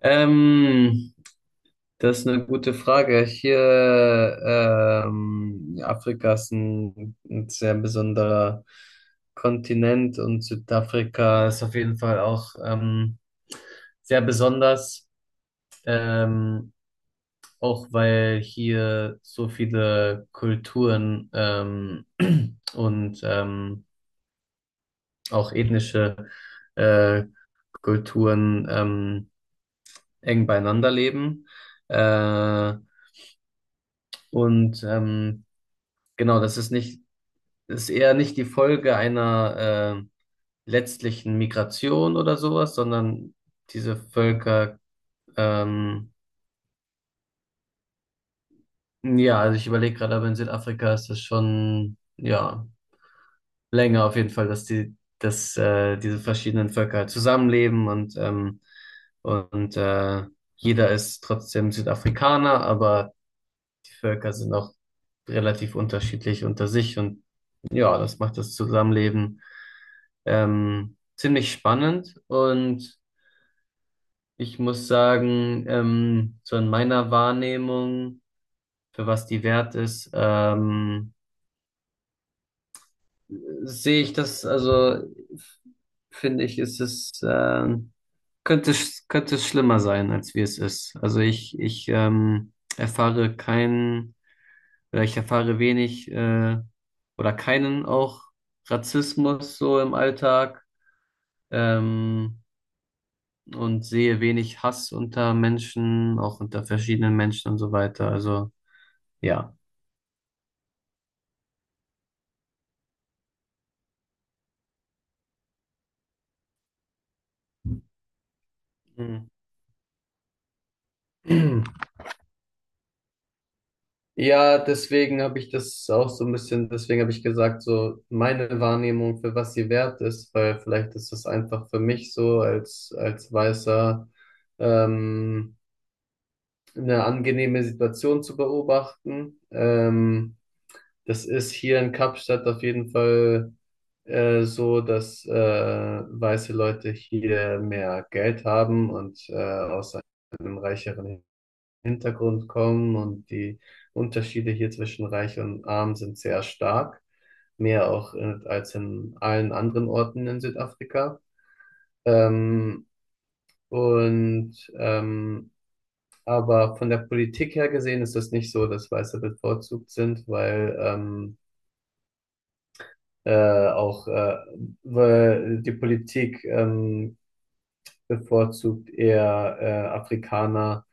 Ähm, Das ist eine gute Frage. Ja, Afrika ist ein sehr besonderer Kontinent und Südafrika ist auf jeden Fall auch sehr besonders, ähm, auch weil hier so viele Kulturen und auch ethnische äh, Kulturen eng beieinander leben. Äh, Und ähm, genau, das ist eher nicht die Folge einer letztlichen Migration oder sowas, sondern diese Völker, ähm, ja, also ich überlege gerade, aber in Südafrika ist das schon, ja, länger auf jeden Fall, dass diese verschiedenen Völker halt zusammenleben und jeder ist trotzdem Südafrikaner, aber die Völker sind auch relativ unterschiedlich unter sich und ja, das macht das Zusammenleben ziemlich spannend und ich muss sagen, so in meiner Wahrnehmung, für was die wert ist, sehe ich das, also f- finde ich, ist es, könnte, es- könnte es schlimmer sein, als wie es ist. Also ich erfahre kein ich erfahre wenig oder keinen auch Rassismus so im Alltag ähm, und sehe wenig Hass unter Menschen, auch unter verschiedenen Menschen und so weiter. Also ja. Mhm. Ja, deswegen habe ich das auch so ein bisschen, deswegen habe ich gesagt, so meine Wahrnehmung, für was sie wert ist, weil vielleicht ist das einfach für mich so als Weißer ähm, eine angenehme Situation zu beobachten. Das ist hier in Kapstadt auf jeden Fall so, dass weiße Leute hier mehr Geld haben und aus einem reicheren Hintergrund kommen und die Unterschiede hier zwischen reich und arm sind sehr stark, mehr auch als in allen anderen Orten in Südafrika. Ähm, und ähm, aber von der Politik her gesehen ist das nicht so, dass Weiße bevorzugt sind, weil auch weil die Politik bevorzugt eher Afrikaner,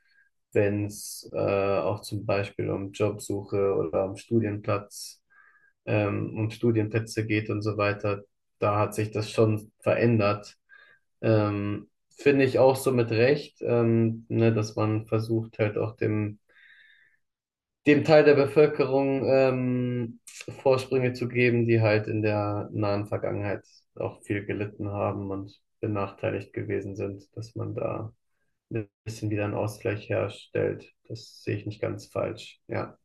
wenn es auch zum Beispiel um Jobsuche oder um um Studienplätze geht und so weiter. Da hat sich das schon verändert. Ähm, Finde ich auch so mit Recht, ne, dass man versucht halt auch dem Teil der Bevölkerung Vorsprünge zu geben, die halt in der nahen Vergangenheit auch viel gelitten haben und benachteiligt gewesen sind, dass man da ein bisschen wieder einen Ausgleich herstellt. Das sehe ich nicht ganz falsch. Ja.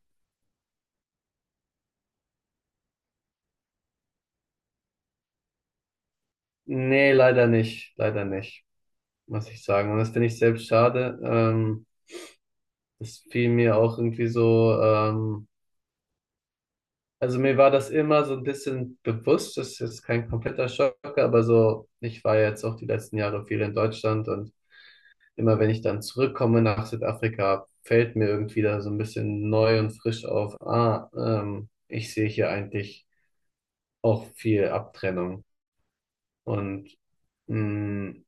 Nee, leider nicht, muss ich sagen. Und das finde ich selbst schade. Das fiel mir auch irgendwie so. Also mir war das immer so ein bisschen bewusst, das ist jetzt kein kompletter Schock, aber so, ich war jetzt auch die letzten Jahre viel in Deutschland und immer wenn ich dann zurückkomme nach Südafrika, fällt mir irgendwie da so ein bisschen neu und frisch auf, ich sehe hier eigentlich auch viel Abtrennung. Und mh,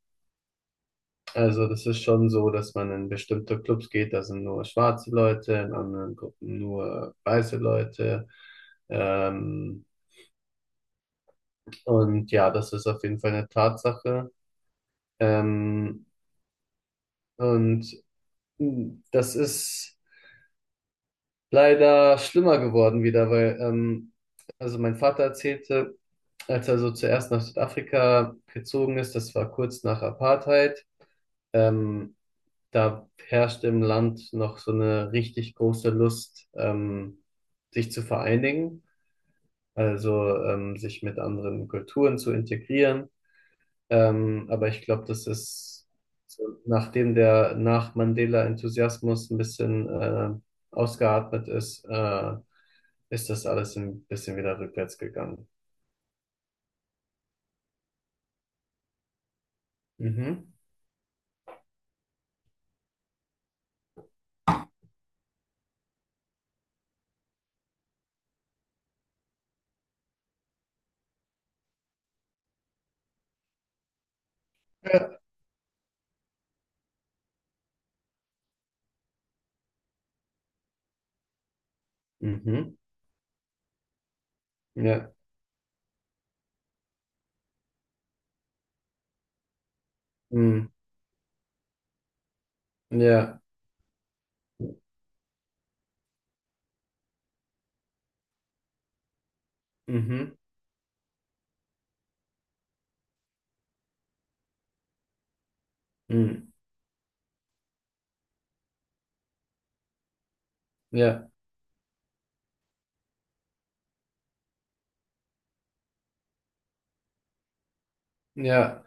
also das ist schon so, dass man in bestimmte Clubs geht, da sind nur schwarze Leute, in anderen Gruppen nur weiße Leute. Ähm, Und ja, das ist auf jeden Fall eine Tatsache. Ähm, und Das ist leider schlimmer geworden wieder, weil also mein Vater erzählte, als er so zuerst nach Südafrika gezogen ist, das war kurz nach Apartheid, ähm, da herrschte im Land noch so eine richtig große Lust, sich zu vereinigen, also sich mit anderen Kulturen zu integrieren. Aber ich glaube, so, nachdem der Nach-Mandela-Enthusiasmus ein bisschen ausgeatmet ist, ist das alles ein bisschen wieder rückwärts gegangen. Mhm. Ja. Mhm. Ja. Mhm. Ja. Mhm. Mhm. Ja. Ja.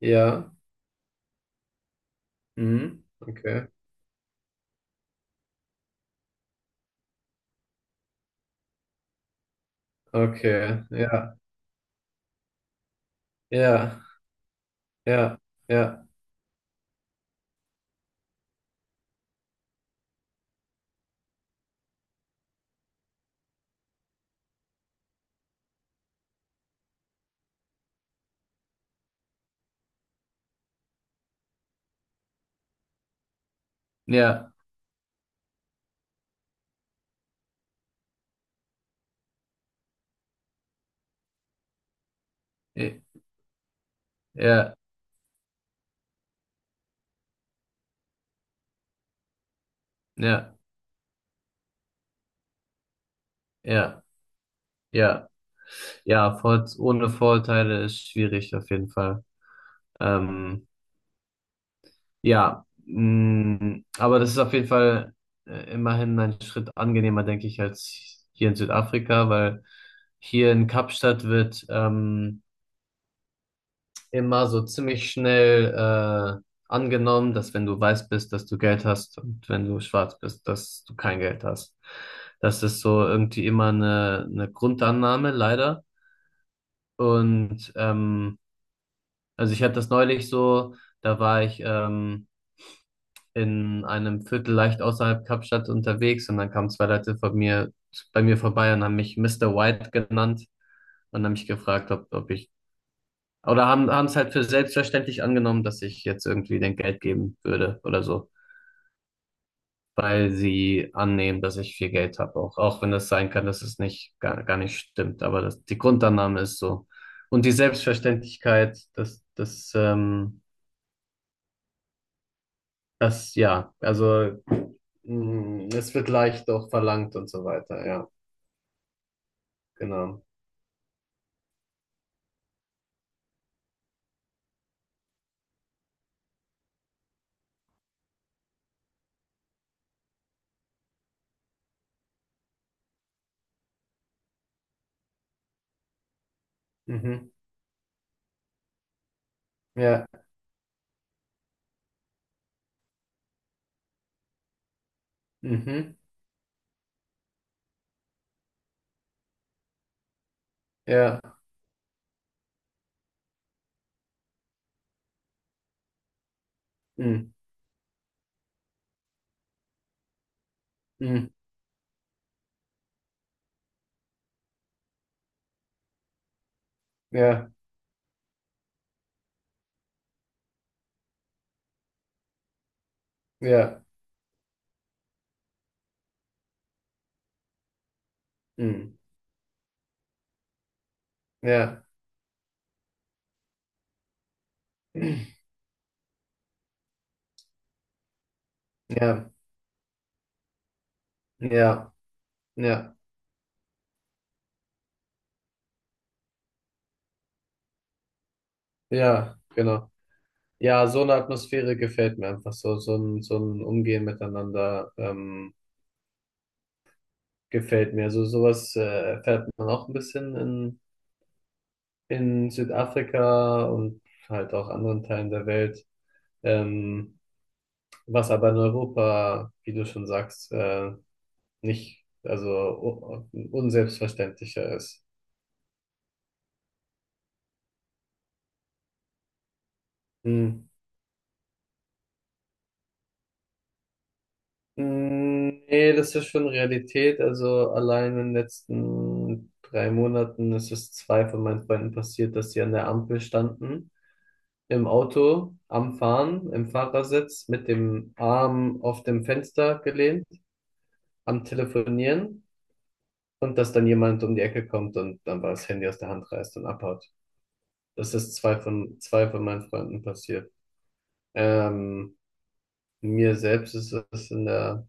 Ja. Mhm. Okay. Okay. Ja. Ja. Ja. Ja. Ja. Ja. Ja. Ja. Ja. Ja. Ohne Vorurteile ist schwierig auf jeden Fall. Ähm, aber das ist auf jeden Fall immerhin ein Schritt angenehmer, denke ich, als hier in Südafrika, weil hier in Kapstadt wird immer so ziemlich schnell angenommen, dass wenn du weiß bist, dass du Geld hast und wenn du schwarz bist, dass du kein Geld hast. Das ist so irgendwie immer eine Grundannahme, leider. Und ähm, Also ich hatte das neulich so, da war ich in einem Viertel leicht außerhalb Kapstadt unterwegs und dann kamen zwei Leute bei mir vorbei und haben mich Mister White genannt und haben mich gefragt, ob ich, oder haben es halt für selbstverständlich angenommen, dass ich jetzt irgendwie den Geld geben würde oder so, weil sie annehmen, dass ich viel Geld habe auch, auch wenn das sein kann, dass es nicht, gar, gar nicht stimmt, aber das, die Grundannahme ist so. Und die Selbstverständlichkeit, ja, also es wird leicht auch verlangt und so weiter, ja, genau. Mhm. Ja, mhm. Ja, mhm. Mhm. Ja, ja, mhm. Ja, ja, ja, ja, ja, genau. Ja, so eine Atmosphäre gefällt mir einfach so, so ein Umgehen miteinander gefällt mir. So sowas erfährt man auch ein bisschen in Südafrika und halt auch anderen Teilen der Welt. Ähm, Was aber in Europa, wie du schon sagst, nicht, also unselbstverständlicher ist. Hm. Nee, das ist schon Realität. Also allein in den letzten 3 Monaten ist es zwei von meinen Freunden passiert, dass sie an der Ampel standen, im Auto, am Fahren, im Fahrersitz, mit dem Arm auf dem Fenster gelehnt, am Telefonieren und dass dann jemand um die Ecke kommt und dann war das Handy aus der Hand reißt und abhaut. Das ist zwei von meinen Freunden passiert. Ähm, Mir selbst ist es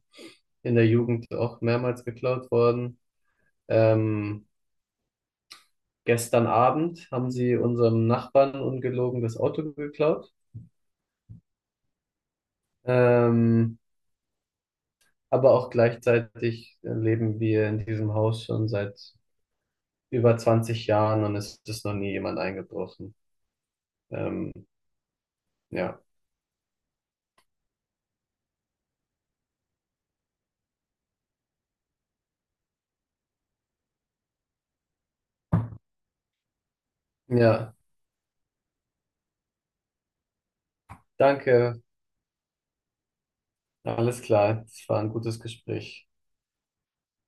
in der Jugend auch mehrmals geklaut worden. Ähm, Gestern Abend haben sie unserem Nachbarn ungelogen das Auto geklaut. Ähm, aber auch gleichzeitig leben wir in diesem Haus schon seit über 20 Jahren und es ist noch nie jemand eingebrochen. Ähm, ja. Ja, danke. Alles klar. Es war ein gutes Gespräch.